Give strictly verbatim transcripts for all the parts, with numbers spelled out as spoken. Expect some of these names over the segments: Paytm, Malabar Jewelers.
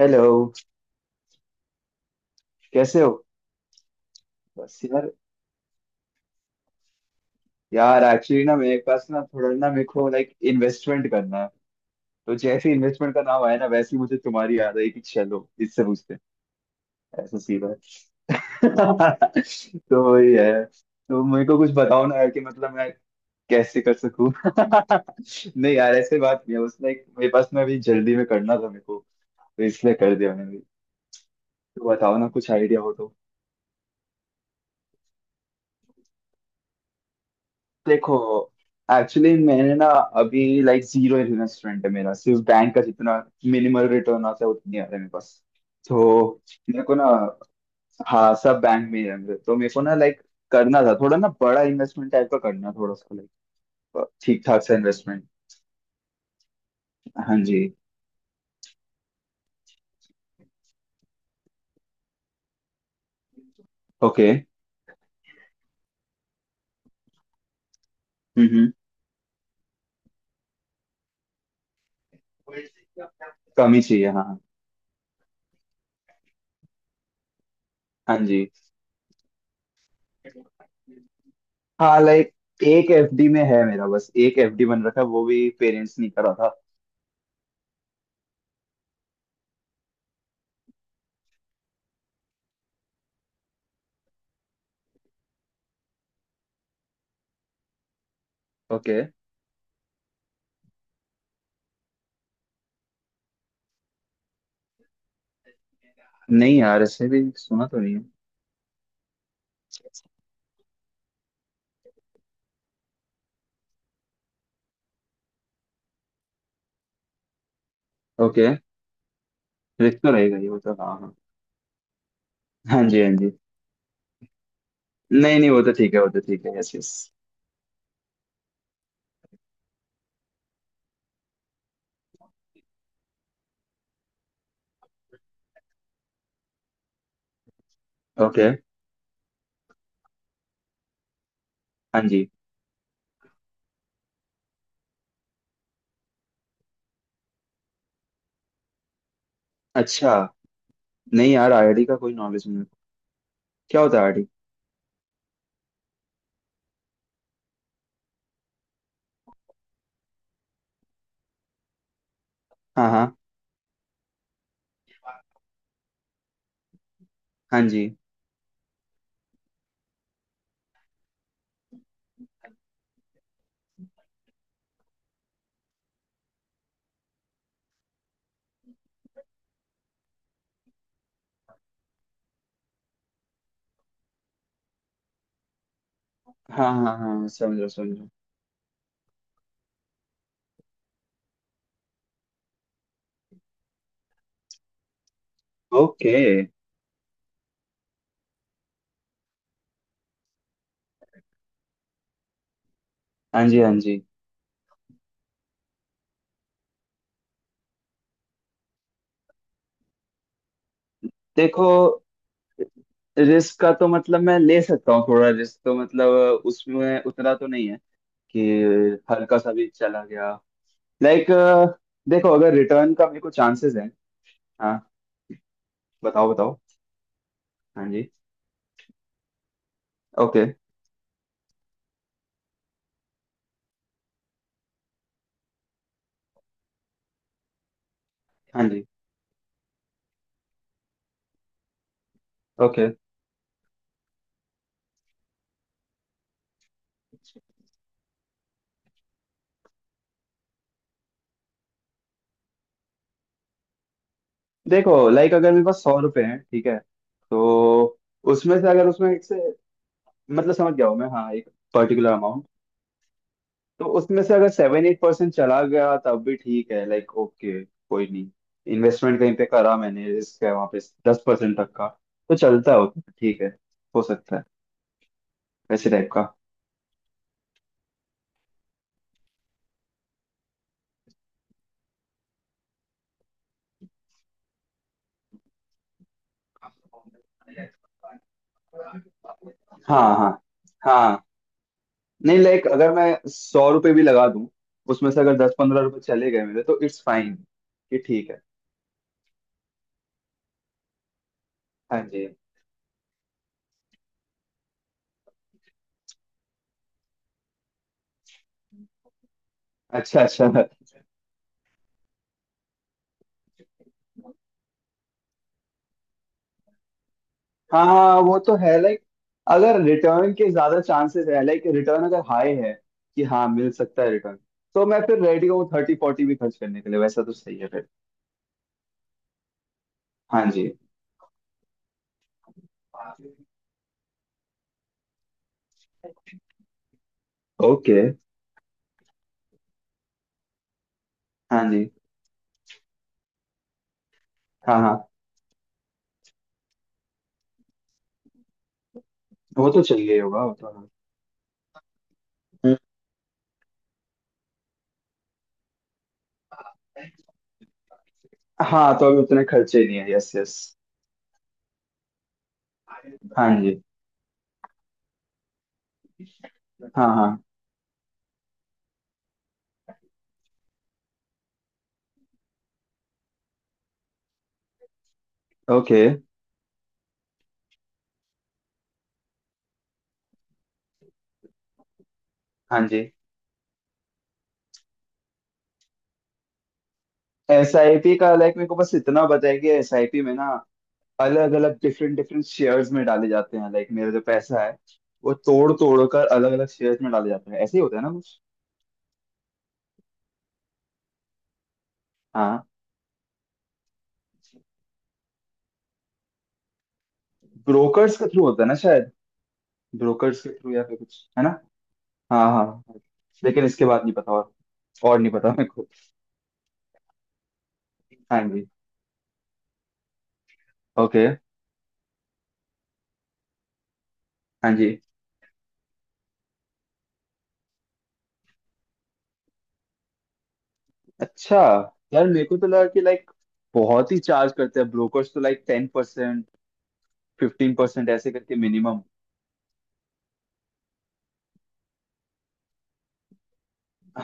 Hello. कैसे हो? बस यार। यार एक्चुअली ना मेरे पास ना थोड़ा ना मेरे को लाइक इन्वेस्टमेंट करना है। तो जैसे इन्वेस्टमेंट का नाम आया ना वैसे ही मुझे तुम्हारी याद आई कि चलो इससे पूछते हैं। ऐसा सीधा है। तो वही है। तो मेरे को कुछ बताओ ना यार कि मतलब मैं कैसे कर सकूं। नहीं यार ऐसे बात नहीं है। बस लाइक मेरे पास ना अभी जल्दी में करना था मेरे को। तो इसलिए कर दिया मैंने भी। तो बताओ ना कुछ आइडिया हो तो। देखो, एक्चुअली मैंने ना अभी लाइक जीरो इन्वेस्टमेंट है मेरा। सिर्फ बैंक का जितना मिनिमल रिटर्न आता है उतनी आता है मेरे पास। तो मेरे को ना। हाँ सब बैंक में ही है मेरे। तो मेरे को ना लाइक करना था थोड़ा ना बड़ा इन्वेस्टमेंट टाइप का। करना थोड़ा सा लाइक ठीक ठाक सा इन्वेस्टमेंट। हाँ जी। ओके। हम्म हम्म। कम ही चाहिए, हाँ हाँ। हाँ जी। हाँ लाइक एक एफ डी में है मेरा। बस एक एफ डी बन रखा है। वो भी पेरेंट्स ने करा था। ओके। नहीं यार ऐसे भी सुना तो नहीं है। ओके। रिस्क तो रहेगा ही वो तो, हाँ हाँ। हाँ जी, हाँ जी। नहीं नहीं वो तो ठीक है, वो तो ठीक है, यस यस। ओके। हाँ जी। अच्छा। नहीं यार आई आई टी का कोई नॉलेज नहीं है। क्या होता है आई आई टी? हाँ हाँ। हाँ जी। हाँ हाँ हाँ समझ रहा समझ रहा। ओके। हाँ जी हाँ जी। देखो, रिस्क का तो मतलब मैं ले सकता हूँ। थोड़ा रिस्क तो मतलब उसमें उतना तो नहीं है कि हल्का सा भी चला गया लाइक। देखो अगर रिटर्न का मेरे को चांसेस है। बताओ बताओ। हाँ जी। ओके। हाँ जी। ओके। देखो लाइक अगर मेरे पास सौ रुपए हैं ठीक है, तो उसमें से अगर उसमें एक से। मतलब समझ गया हूँ मैं, हाँ, एक पर्टिकुलर अमाउंट। तो उसमें से अगर सेवन एट परसेंट चला गया तब भी ठीक है। लाइक ओके कोई नहीं। इन्वेस्टमेंट कहीं पे करा मैंने, रिस्क है वहाँ पे, दस परसेंट तक का तो चलता है उतना। ठीक है, हो सकता है वैसे टाइप का। हाँ हाँ। हाँ नहीं लाइक अगर मैं सौ रुपये भी लगा दूं, उसमें से अगर दस पंद्रह रुपए चले गए मेरे, तो इट्स फाइन कि ठीक है। हाँ जी। अच्छा अच्छा। हाँ हाँ वो तो है लाइक। अगर रिटर्न के ज्यादा चांसेस है, लाइक रिटर्न अगर हाई है कि हाँ मिल सकता है रिटर्न, तो मैं फिर रेडी हूँ थर्टी फोर्टी भी खर्च करने के लिए। वैसा तो सही है फिर। हाँ जी। ओके। हाँ जी। हाँ हाँ। वो तो चाहिए ही होगा वो तो है। हम्म। हाँ तो अभी उतने खर्चे नहीं है, यस यस। हाँ जी। हाँ हाँ। ओके। हाँ जी। एस आई पी का लाइक मेरे को बस इतना पता है कि एस आई पी में ना अलग अलग डिफरेंट डिफरेंट शेयर्स में डाले जाते हैं। लाइक मेरा जो पैसा है वो तोड़ तोड़ कर अलग अलग शेयर्स में डाले जाते हैं। ऐसे ही होता है ना कुछ? हाँ। ब्रोकर्स के थ्रू होता है ना शायद? ब्रोकर्स के थ्रू या फिर कुछ है ना। हाँ हाँ हाँ। लेकिन इसके बाद नहीं पता। और और नहीं पता मेरे को। हाँ जी। ओके। हाँ जी। अच्छा। यार मेरे को तो लगा कि लाइक बहुत ही चार्ज करते हैं ब्रोकर्स तो। Like ten percent fifteen percent ऐसे करके मिनिमम।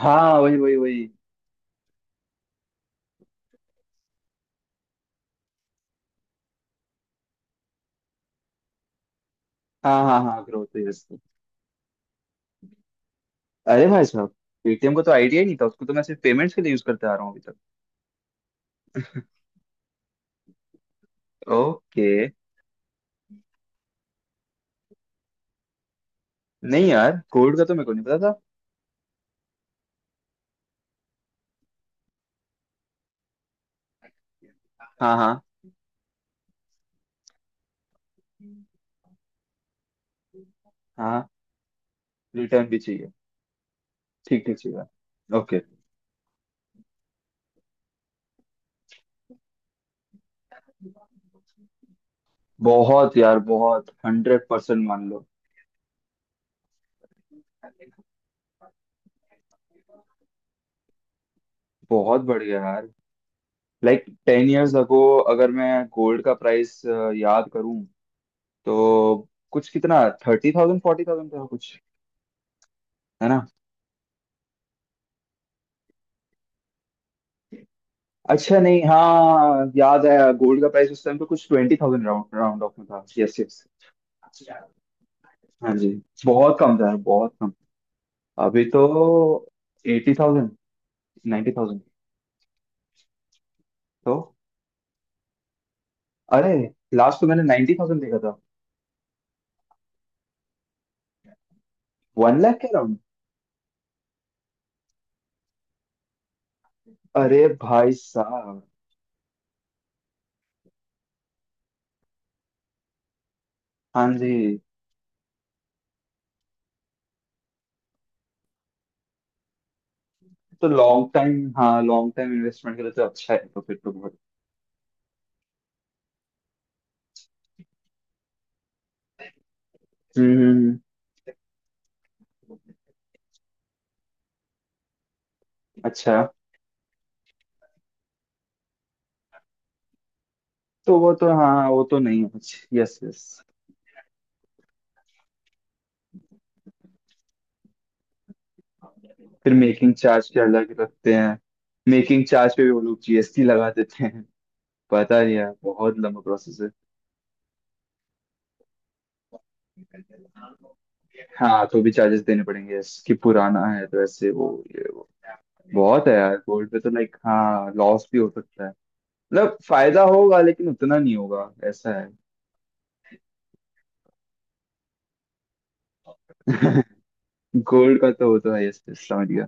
हाँ वही वही वही। हाँ हाँ हाँ। ग्रोथ तो यस। अरे भाई साहब। पेटीएम को तो आइडिया ही नहीं था। उसको तो मैं सिर्फ पेमेंट्स के लिए यूज करते आ रहा हूँ अभी तक। ओके। नहीं यार कोड का तो मेरे को नहीं पता था। हाँ हाँ। हाँ रिटर्न भी चाहिए, ठीक ठीक चाहिए। ओके। बहुत यार, बहुत। हंड्रेड परसेंट मान लो। बहुत बढ़िया यार। लाइक टेन इयर्स अगो अगर मैं गोल्ड का प्राइस याद करूं, तो कुछ, कितना, थर्टी थाउजेंड फोर्टी थाउजेंड था कुछ। है ना? अच्छा, नहीं हाँ, याद आया। गोल्ड का प्राइस उस टाइम पे कुछ twenty thousand round round off में था, यस यस। हाँ जी। बहुत कम था, बहुत कम। अभी तो एटी थाउजेंड नाइन्टी थाउजेंड तो। अरे लास्ट तो मैंने नाइन्टी थाउजेंड देखा था। वन लाख के अराउंड। अरे भाई साहब। हाँ जी। तो लॉन्ग टाइम, हाँ लॉन्ग टाइम इन्वेस्टमेंट के लिए तो अच्छा है। तो फिर तो बहुत। हम्म हम्म। हम्म। अच्छा। तो वो तो हाँ वो तो नहीं है कुछ, यस यस। फिर मेकिंग चार्ज के अलग रखते हैं। मेकिंग चार्ज पे भी वो लोग जी एस टी लगा देते हैं। पता नहीं यार बहुत लंबा प्रोसेस है। हाँ तो भी चार्जेस देने पड़ेंगे, yes, कि पुराना है तो ऐसे वो ये वो। बहुत है यार गोल्ड पे तो लाइक, हाँ लॉस भी हो सकता है। मतलब फायदा होगा लेकिन उतना नहीं होगा, ऐसा है। गोल्ड का तो होता है, यस, समझ गया।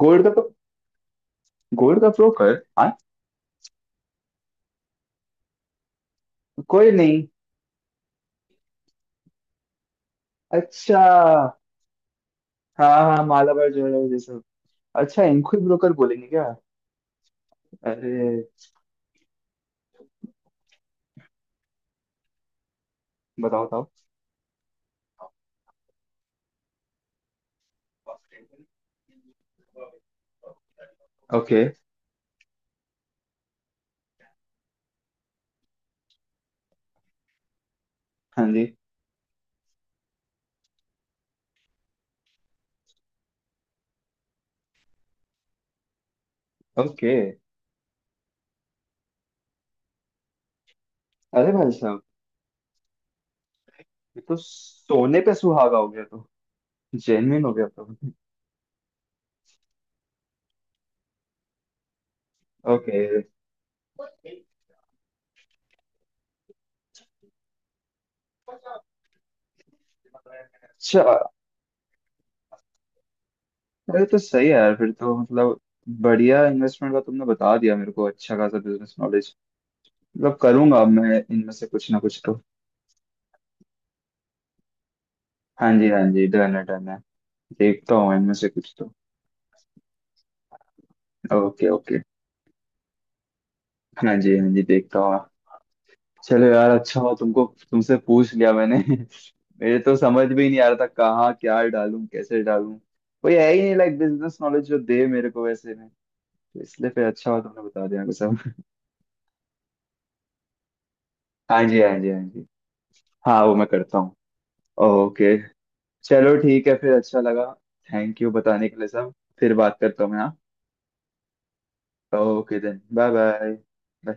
गोल्ड का तो। गोल्ड का ब्रोकर? हाँ। कोई नहीं। अच्छा। हाँ हाँ हाँ, मालाबार ज्वेलर्स ये सब। अच्छा इनको ही ब्रोकर बोलेंगे क्या? अरे। बताओ बताओ। ओके। हाँ जी। ओके। अरे भाई साहब। ये तो सोने पे सुहागा हो गया तो। जेन्युइन हो गया तो। ओके। अच्छा। अरे तो सही है यार फिर तो। मतलब बढ़िया इन्वेस्टमेंट का तुमने बता दिया मेरे को, अच्छा खासा बिजनेस नॉलेज। मतलब करूंगा अब मैं इनमें से कुछ ना कुछ तो। हाँ जी हाँ जी डन है डन है। देखता हूँ इनमें से कुछ तो। Okay okay. हाँ जी हाँ जी देखता हूँ। चलो यार अच्छा हो तुमको। तुमसे पूछ लिया मैंने। मेरे तो समझ भी नहीं आ रहा था कहाँ क्या डालूं कैसे डालूं। कोई है ही नहीं लाइक बिजनेस नॉलेज जो दे मेरे को वैसे में। तो इसलिए फिर अच्छा हुआ तुमने बता दिया मेरे को सब। हाँ जी हाँ जी हाँ जी। हाँ वो मैं करता हूँ। ओके। चलो ठीक है फिर, अच्छा लगा। थैंक यू बताने के लिए सब। फिर बात करता हूँ मैं, हाँ। Okay then. Bye bye.